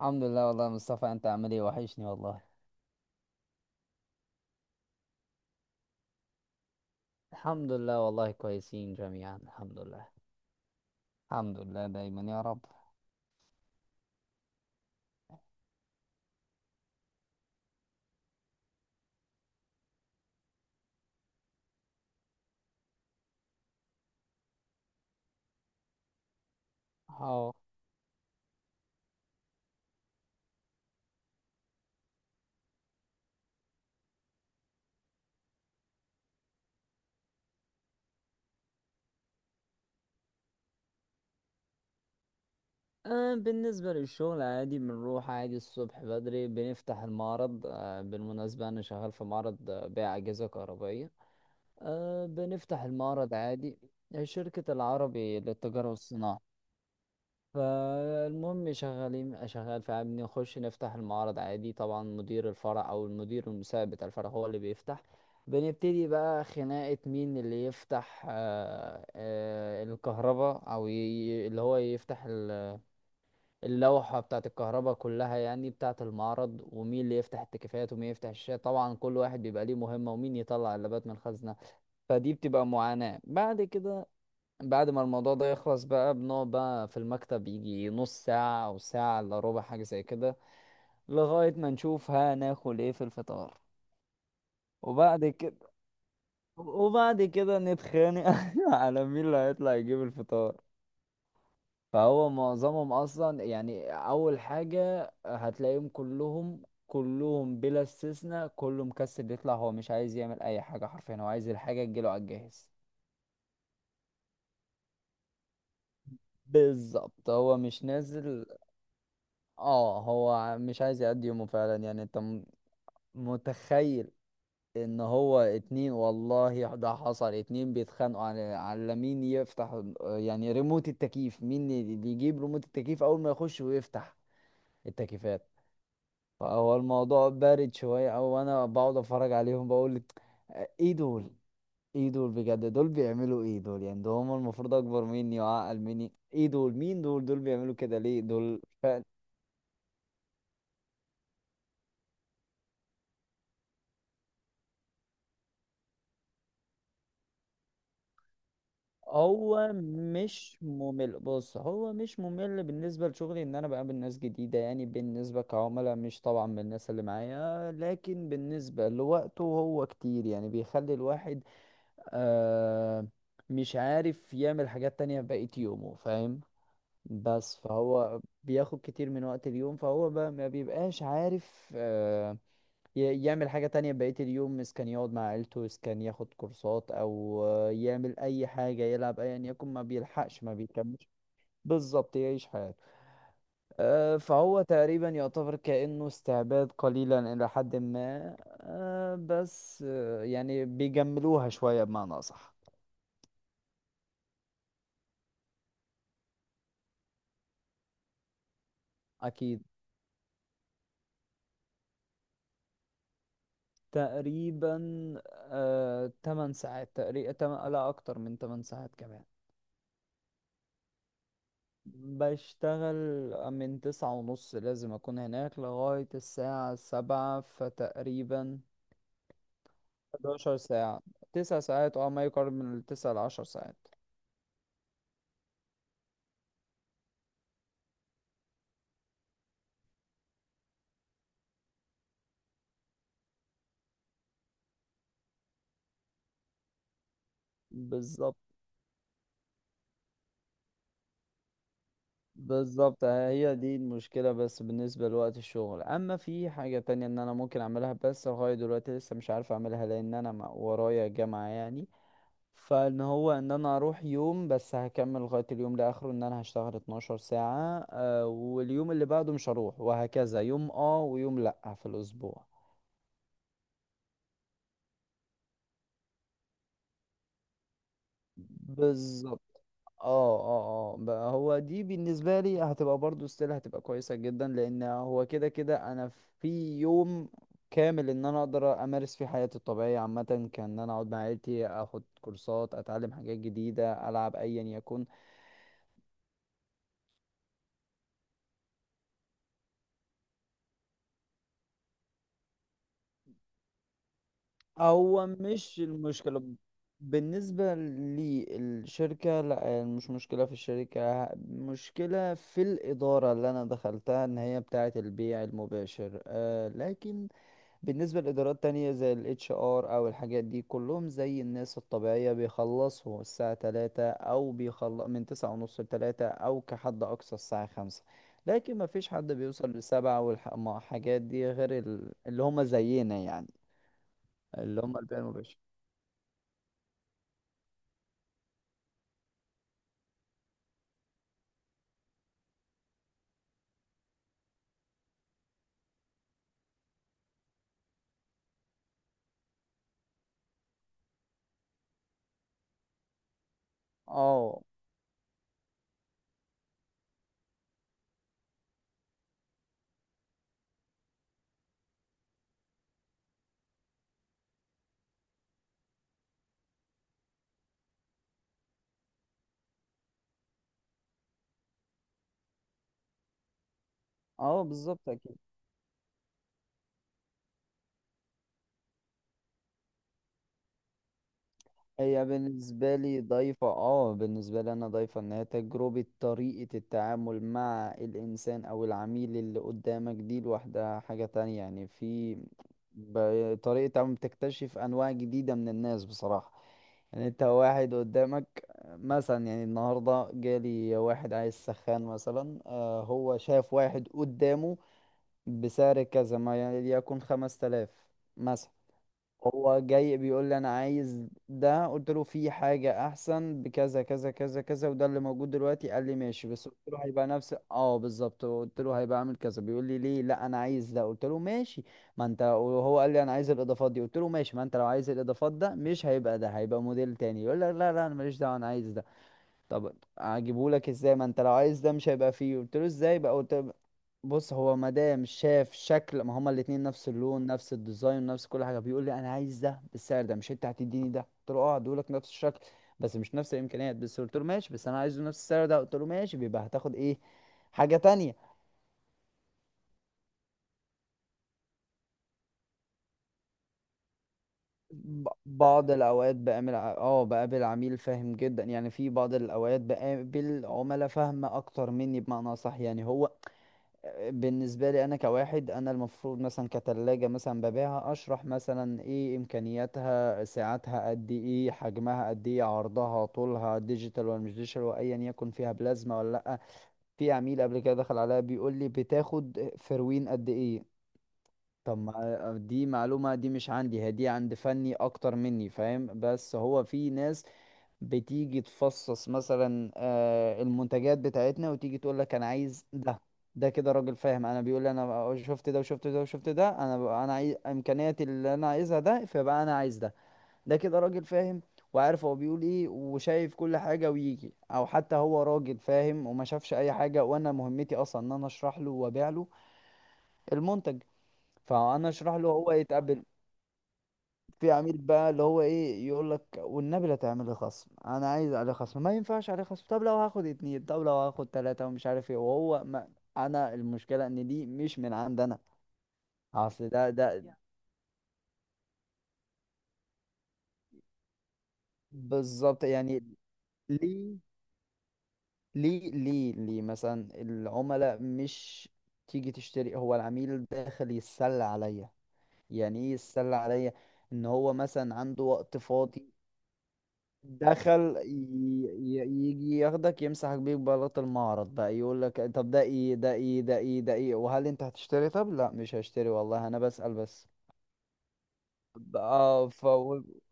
الحمد لله والله يا مصطفى، انت عامل ايه؟ وحشني والله. الحمد لله والله، كويسين جميعا، الحمد لله. الحمد لله دايما يا رب. اهو. بالنسبة للشغل عادي، بنروح عادي الصبح بدري بنفتح المعرض. بالمناسبة أنا شغال في معرض، بيع أجهزة كهربائية. بنفتح المعرض عادي. شركة العربي للتجارة والصناعة. فالمهم شغال، فبنخش نفتح المعرض عادي. طبعا مدير الفرع او المدير المساعد بتاع الفرع هو اللي بيفتح. بنبتدي بقى خناقة مين اللي يفتح، الكهرباء، او اللي هو يفتح اللوحة بتاعة الكهرباء كلها يعني بتاعة المعرض، ومين اللي يفتح التكييفات، ومين يفتح الشاشة. طبعا كل واحد بيبقى ليه مهمة، ومين يطلع اللابات من الخزنة. فدي بتبقى معاناة بعد كده. بعد ما الموضوع ده يخلص بقى بنقعد بقى في المكتب يجي نص ساعة أو ساعة إلا ربع، حاجة زي كده، لغاية ما نشوف هناكل إيه في الفطار. وبعد كده وبعد كده نتخانق على مين اللي هيطلع يجيب الفطار. فهو معظمهم أصلا، يعني أول حاجة هتلاقيهم كلهم كلهم بلا استثناء كله مكسل يطلع، هو مش عايز يعمل أي حاجة حرفيا، هو عايز الحاجة تجيله على الجاهز. بالظبط، هو مش نازل. اه، هو مش عايز يقضي يومه فعلا. يعني انت متخيل ان هو اتنين، والله ده حصل، اتنين بيتخانقوا على مين يفتح يعني ريموت التكييف، مين اللي يجيب ريموت التكييف اول ما يخش ويفتح التكييفات. فهو الموضوع بارد شوية، او انا بقعد اتفرج عليهم بقول ايه دول، ايه دول بجد، دول بيعملوا ايه دول يعني؟ ده هم المفروض اكبر مني وعقل مني. ايه دول؟ مين دول؟ دول بيعملوا كده ليه دول؟ هو مش ممل. بص، هو مش ممل بالنسبة لشغلي، ان انا بقابل ناس جديدة يعني بالنسبة كعملاء، مش طبعا من الناس اللي معايا، لكن بالنسبة لوقته هو كتير، يعني بيخلي الواحد آه مش عارف يعمل حاجات تانية بقية يومه، فاهم. بس فهو بياخد كتير من وقت اليوم، فهو بقى ما بيبقاش عارف يعمل حاجة تانية بقية اليوم، إذا كان يقعد مع عيلته، إذا كان ياخد كورسات، أو يعمل أي حاجة، يلعب أيا يكن، ما بيلحقش ما بيكملش. بالظبط يعيش حياته. فهو تقريبا يعتبر كأنه استعباد قليلا إلى حد ما، بس يعني بيجملوها شوية بمعنى أصح. أكيد. تقريبا 8 ساعات تقريبا، لا أكتر من 8 ساعات كمان. بشتغل من 9:30، لازم أكون هناك لغاية الساعة 7، فتقريبا 11 ساعة. 9 ساعات اه، ما يقارب من التسع لعشر ساعات. بالظبط. بالظبط، هي دي المشكلة. بس بالنسبة لوقت الشغل، أما في حاجة تانية إن أنا ممكن أعملها، بس لغاية دلوقتي لسه مش عارف أعملها، لأن أنا ورايا جامعة يعني. فان هو ان انا اروح يوم بس هكمل لغاية اليوم لاخره، ان انا هشتغل 12 ساعة، واليوم اللي بعده مش هروح، وهكذا يوم اه ويوم لا في الاسبوع. بالظبط. اه، اه، اه، بقى هو دي بالنسبة لي هتبقى برضو ستيل، هتبقى كويسة جدا لان هو كده كده انا في يوم كامل ان انا اقدر امارس فيه حياتي الطبيعية عامة، كان ان انا اقعد مع عيلتي، اخد كورسات، اتعلم حاجات جديدة، العب ايا يكن. هو مش المشكلة. بالنسبة للشركة لا، مش مشكلة في الشركة، مشكلة في الإدارة اللي أنا دخلتها، إن هي بتاعة البيع المباشر. آه، لكن بالنسبة لإدارات تانية زي ال HR أو الحاجات دي كلهم زي الناس الطبيعية، بيخلصوا الساعة 3، أو بيخلص من 9:30 لـ3، أو كحد أقصى الساعة 5. لكن مفيش حد بيوصل لـ7 والحاجات دي غير اللي هما زينا يعني، اللي هم البيع المباشر. اه اه بالظبط اكيد. هي بالنسبه لي ضيفه. اه، بالنسبه لي انا ضيفه ان هي تجربه، طريقه التعامل مع الانسان او العميل اللي قدامك دي لوحدها حاجه تانية يعني. في طريقه تعامل، بتكتشف انواع جديده من الناس بصراحه. يعني انت واحد قدامك مثلا، يعني النهارده جالي واحد عايز سخان مثلا. آه، هو شاف واحد قدامه بسعر كذا، ما يعني يكون 5000 مثلا، هو جاي بيقول لي انا عايز ده، قلت له في حاجة احسن بكذا كذا كذا كذا وده اللي موجود دلوقتي، قال لي ماشي. بس قلت له هيبقى نفس، اه بالظبط، قلت له هيبقى عامل كذا، بيقول لي ليه؟ لا، انا عايز ده، قلت له ماشي. ما انت وهو قال لي انا عايز الاضافات دي، قلت له ماشي، ما انت لو عايز الاضافات ده مش هيبقى ده، هيبقى موديل تاني. يقول لك لا لا، انا ماليش دعوة، انا عايز ده. طب اجيبه لك ازاي؟ ما انت لو عايز ده مش هيبقى فيه. قلت له ازاي بقى؟ قلت له بص، هو مدام شاف شكل ما هما الاتنين نفس اللون نفس الديزاين نفس كل حاجه، بيقول لي انا عايز ده بالسعر ده، مش انت هتديني ده؟ قلت له اه هديهولك نفس الشكل بس مش نفس الامكانيات. بس قلت له ماشي بس انا عايزه نفس السعر ده، قلت له ماشي، بيبقى هتاخد ايه؟ حاجه تانية. بعض الاوقات بقابل بقابل عميل فاهم جدا، يعني في بعض الاوقات بقابل عملاء فاهمه اكتر مني بمعنى صح. يعني هو بالنسبة لي أنا كواحد، أنا المفروض مثلا كتلاجة مثلا ببيعها، أشرح مثلا إيه إمكانياتها، سعتها قد إيه، حجمها قد إيه، عرضها طولها، ديجيتال ولا مش ديجيتال، وأيا يكن فيها بلازما ولا لأ. في عميل قبل كده دخل عليا بيقول لي بتاخد فروين قد إيه؟ طب ما دي معلومة دي مش عندي، هي دي عند فني أكتر مني فاهم. بس هو في ناس بتيجي تفصص مثلا المنتجات بتاعتنا وتيجي تقول لك انا عايز ده، ده كده راجل فاهم. انا بيقول لي انا شفت ده وشفت ده وشفت ده، انا انا عايز امكانياتي اللي انا عايزها ده، فيبقى انا عايز ده. ده كده راجل فاهم وعارف هو بيقول ايه وشايف كل حاجة ويجي. او حتى هو راجل فاهم وما شافش اي حاجة، وانا مهمتي اصلا ان انا اشرح له وابيع له المنتج، فانا اشرح له هو يتقبل. في عميل بقى اللي هو ايه يقول لك والنبي لا تعمل لي خصم، انا عايز عليه خصم، ما ينفعش عليه خصم، طب لو هاخد اتنين، طب لو هاخد تلاتة، ومش عارف ايه. وهو ما، انا المشكلة ان دي مش من عند انا. اصل ده. بالظبط يعني. ليه ليه ليه ليه مثلا العملاء مش تيجي تشتري؟ هو العميل داخل يتسلى عليا، يعني ايه يتسلى عليا؟ ان هو مثلا عنده وقت فاضي، دخل يجي ياخدك يمسحك بيك بلاط المعرض بقى. يقول لك طب ده ايه؟ ده ايه؟ ده ايه؟ ده ايه؟ وهل انت هتشتري؟ طب لا مش هشتري، والله انا بسأل بس. ب- اه ف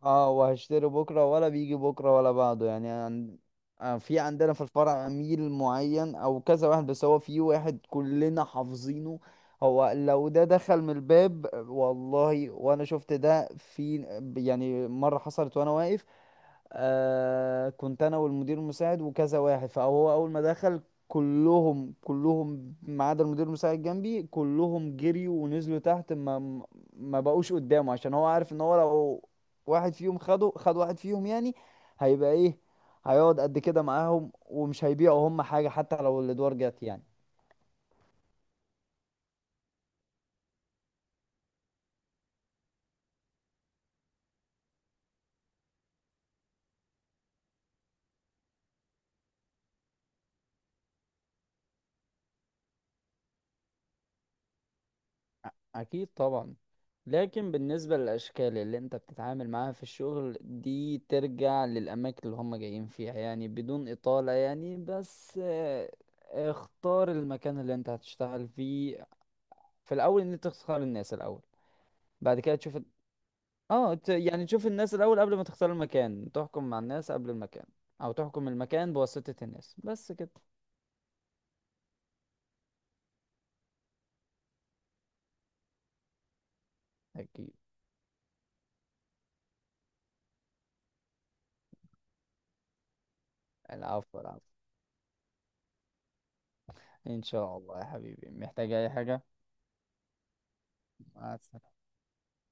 اه، وهشتري بكره، ولا بيجي بكره ولا بعده يعني عن... في عندنا في الفرع عميل معين او كذا واحد، بس هو في واحد كلنا حافظينه. هو لو ده دخل من الباب، والله وانا شفت ده. في يعني مره حصلت وانا واقف، كنت انا والمدير المساعد وكذا واحد، فهو اول ما دخل كلهم كلهم ما عدا المدير المساعد جنبي، كلهم جريوا ونزلوا تحت. ما بقوش قدامه عشان هو عارف ان هو لو واحد فيهم خده، واحد فيهم يعني، هيبقى ايه، هيقعد قد كده معاهم ومش هيبيعوا هم حاجة حتى لو الادوار جت يعني. أكيد طبعا. لكن بالنسبة للأشكال اللي أنت بتتعامل معاها في الشغل دي ترجع للأماكن اللي هم جايين فيها يعني، بدون إطالة يعني، بس اختار المكان اللي أنت هتشتغل فيه. في الأول إن أنت تختار الناس الأول، بعد كده تشوف اه، يعني تشوف الناس الأول قبل ما تختار المكان، تحكم مع الناس قبل المكان، أو تحكم المكان بواسطة الناس، بس كده. أكيد. العفو العفو. إن شاء الله يا حبيبي، محتاج أي حاجة. مع السلامة.